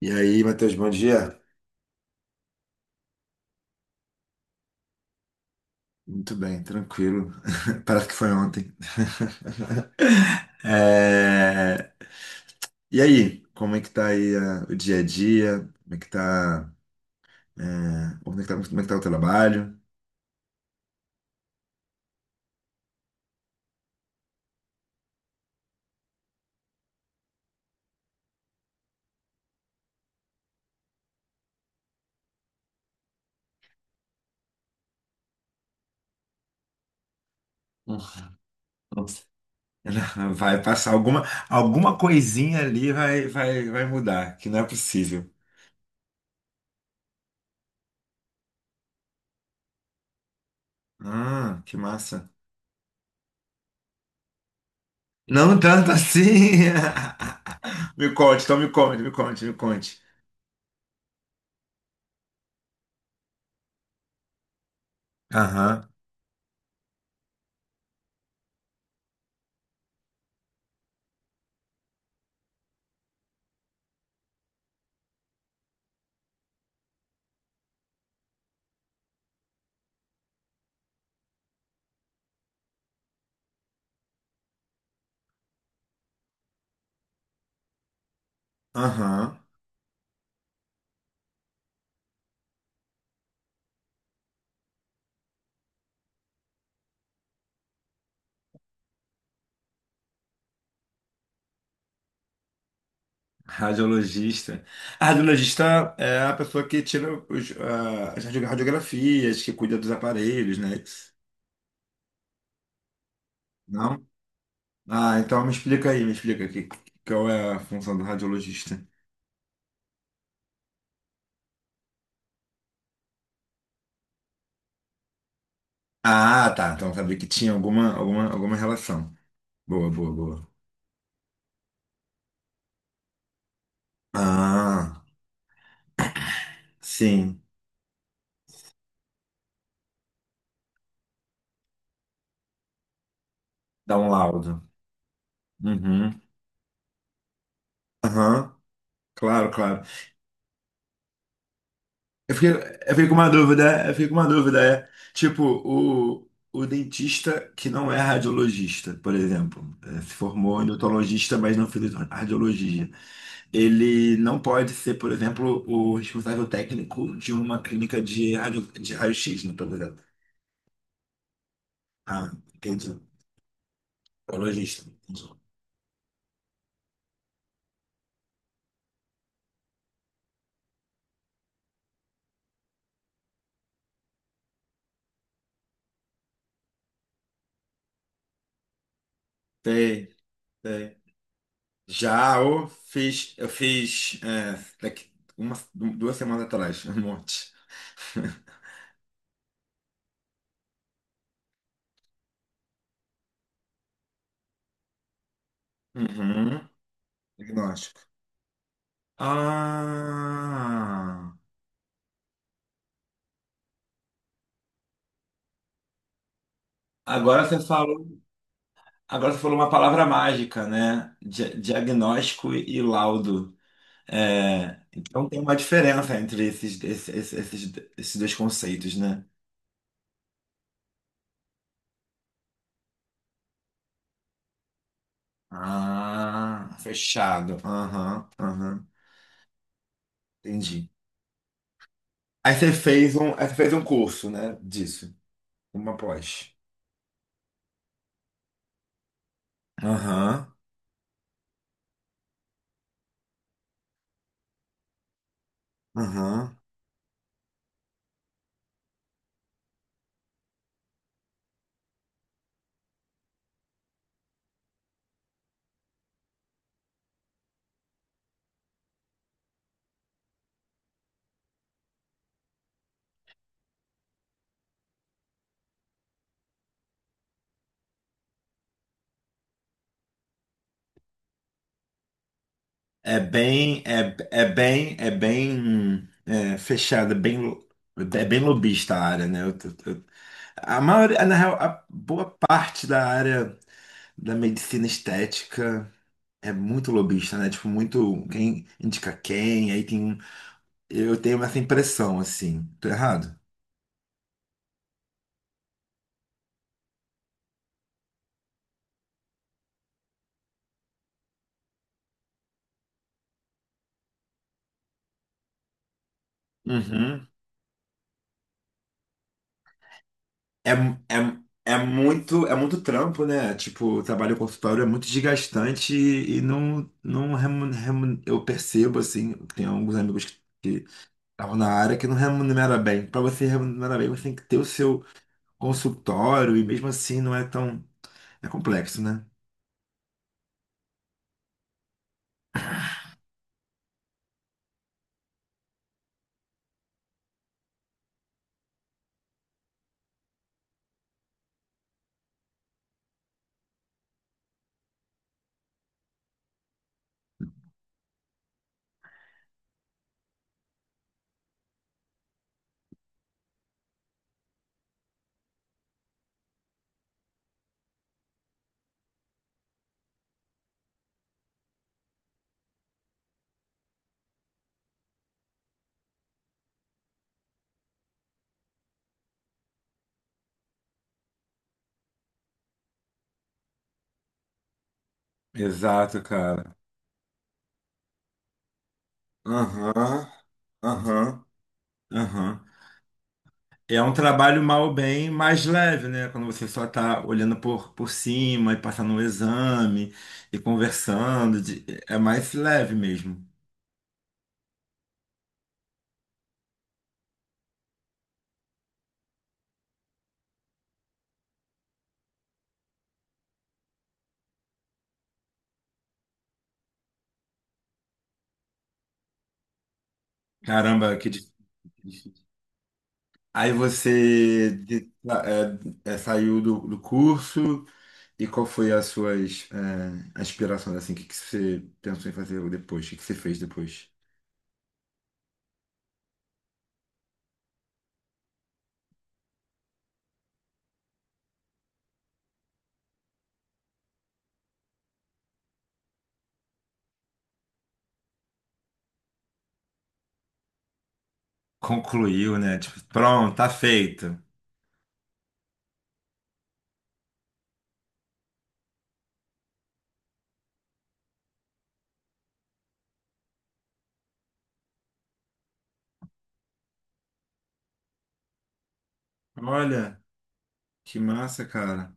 E aí, Matheus, bom dia? Muito bem, tranquilo. Parece que foi ontem. É. E aí, como é que tá aí o dia a dia? Como é que tá, é, como é que tá o trabalho? Hum, nossa. Vai passar alguma coisinha ali vai mudar, que não é possível. Ah, que massa. Não tanto assim. Me conte, então me conte, me conte, me conte. Aham, aham. Radiologista. A radiologista é a pessoa que tira as radiografias, que cuida dos aparelhos, né? Não? Ah, então me explica aí, me explica aqui qual é a função do radiologista. Ah, tá. Então sabia que tinha alguma relação. Boa, boa, boa. Ah, sim. Dá um laudo. Uhum. Aham. Claro, claro. Eu fiquei com uma dúvida, é. Tipo, o dentista que não é radiologista, por exemplo, se formou em odontologista, mas não fez radiologia. Ele não pode ser, por exemplo, o responsável técnico de uma clínica de raio-x, não estou ligado. Ah, entendi. Radiologista. Entendi. Tem, tem. Já eu fiz, daqui 2 semanas atrás, um monte. Uhum. Diagnóstico. Ah, agora você falou, uma palavra mágica, né? Diagnóstico e laudo. É, então tem uma diferença entre esses dois conceitos, né? Ah, fechado. Aham, aham, entendi. Aí você fez um curso, né, disso, uma pós. Aham, aham. Fechada, é bem lobista a área, né? A maioria, na real, a boa parte da área da medicina estética é muito lobista, né? Tipo, muito quem indica quem, eu tenho essa impressão, assim. Tô errado? É, é, é muito trampo, né? Tipo, o trabalho em consultório é muito desgastante e não eu percebo, assim, tem alguns amigos que estavam na área que não remunera bem. Para você remunerar bem, você tem que ter o seu consultório e mesmo assim não é tão, é complexo, né? Exato, cara. Aham, aham, aham. É um trabalho mal ou bem mais leve, né? Quando você só está olhando por cima e passando um exame e conversando, é mais leve mesmo. Caramba, que difícil. Aí você de- tá, é, é, saiu do curso e qual foi as suas aspirações, assim, o que, que você pensou em fazer depois? O que, que você fez depois? Concluiu, né? Tipo, pronto, tá feito. Olha, que massa, cara.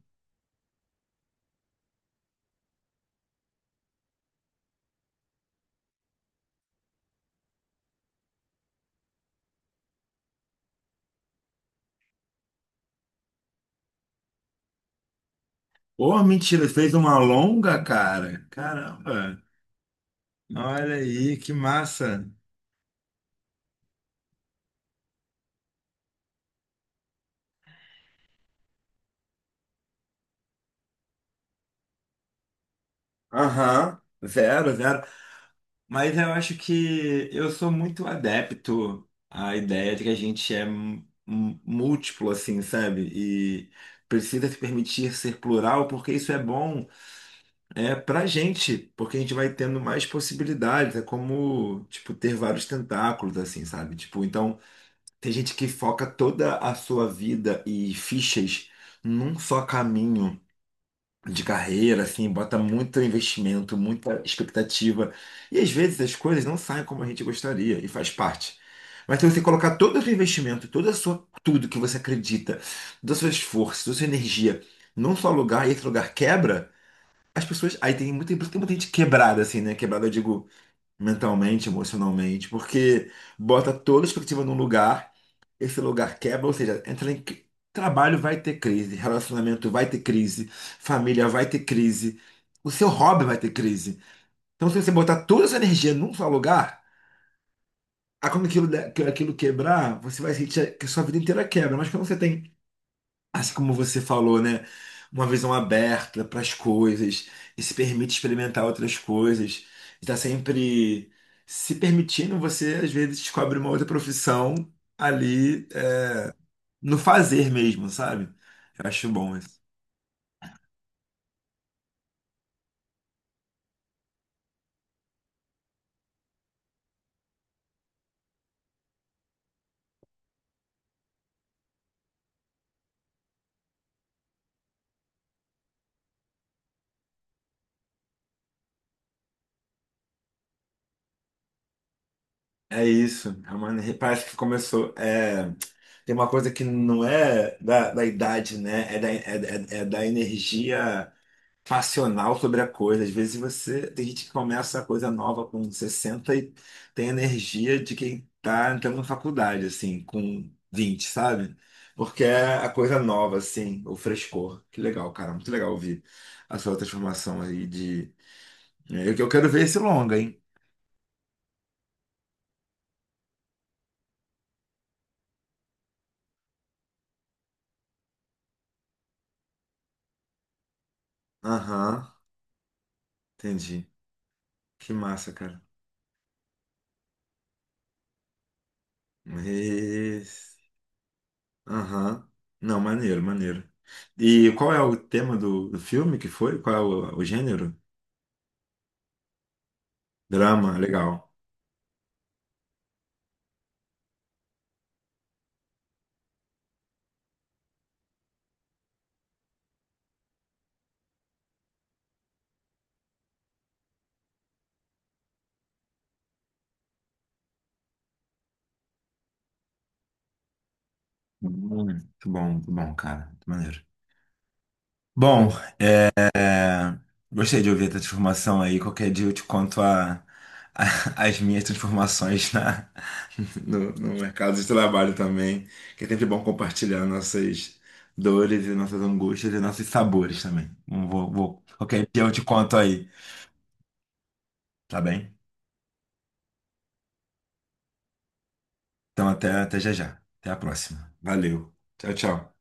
Pô, mentira, ele fez uma longa, cara. Caramba, olha aí, que massa. Aham, zero, zero. Mas eu acho que eu sou muito adepto à ideia de que a gente é múltiplo, assim, sabe? E precisa se permitir ser plural, porque isso é bom pra gente, porque a gente vai tendo mais possibilidades. É como, tipo, ter vários tentáculos, assim, sabe? Tipo, então. Tem gente que foca toda a sua vida e fichas num só caminho de carreira, assim, bota muito investimento, muita expectativa. E às vezes as coisas não saem como a gente gostaria, e faz parte. Mas se você colocar todo o seu investimento, tudo que você acredita, todo o seu esforço, toda a sua energia num só lugar, e esse lugar quebra, as pessoas. Aí tem tem muita gente quebrada, assim, né? Quebrada, eu digo, mentalmente, emocionalmente, porque bota toda a expectativa num lugar, esse lugar quebra, ou seja, entra em trabalho vai ter crise, relacionamento vai ter crise, família vai ter crise, o seu hobby vai ter crise. Então, se você botar toda essa energia num só lugar, a quando aquilo quebrar, você vai sentir que a sua vida inteira quebra. Mas quando você tem, assim como você falou, né, uma visão aberta para as coisas, e se permite experimentar outras coisas, está sempre se permitindo, você às vezes descobre uma outra profissão ali no fazer mesmo, sabe? Eu acho bom isso. É isso, parece que começou. Tem uma coisa que não é da idade, né? É da energia passional sobre a coisa. Às vezes você. Tem gente que começa a coisa nova com 60 e tem energia de quem tá entrando na faculdade, assim, com 20, sabe? Porque é a coisa nova, assim, o frescor. Que legal, cara. Muito legal ouvir a sua transformação aí de. Eu quero ver esse longa, hein? Aham, entendi. Que massa, cara. Mas. Aham. Não, maneiro, maneiro. E qual é o tema do filme que foi? Qual é o gênero? Drama, legal. Hum, muito bom, cara. Muito maneiro. Bom, gostei de ouvir a tua transformação aí. Qualquer dia eu te conto as minhas transformações no mercado de trabalho também. Que é sempre bom compartilhar nossas dores e nossas angústias e nossos sabores também. Não qualquer dia eu te conto aí, tá bem? Então até já já. Até a próxima. Valeu. Tchau, tchau.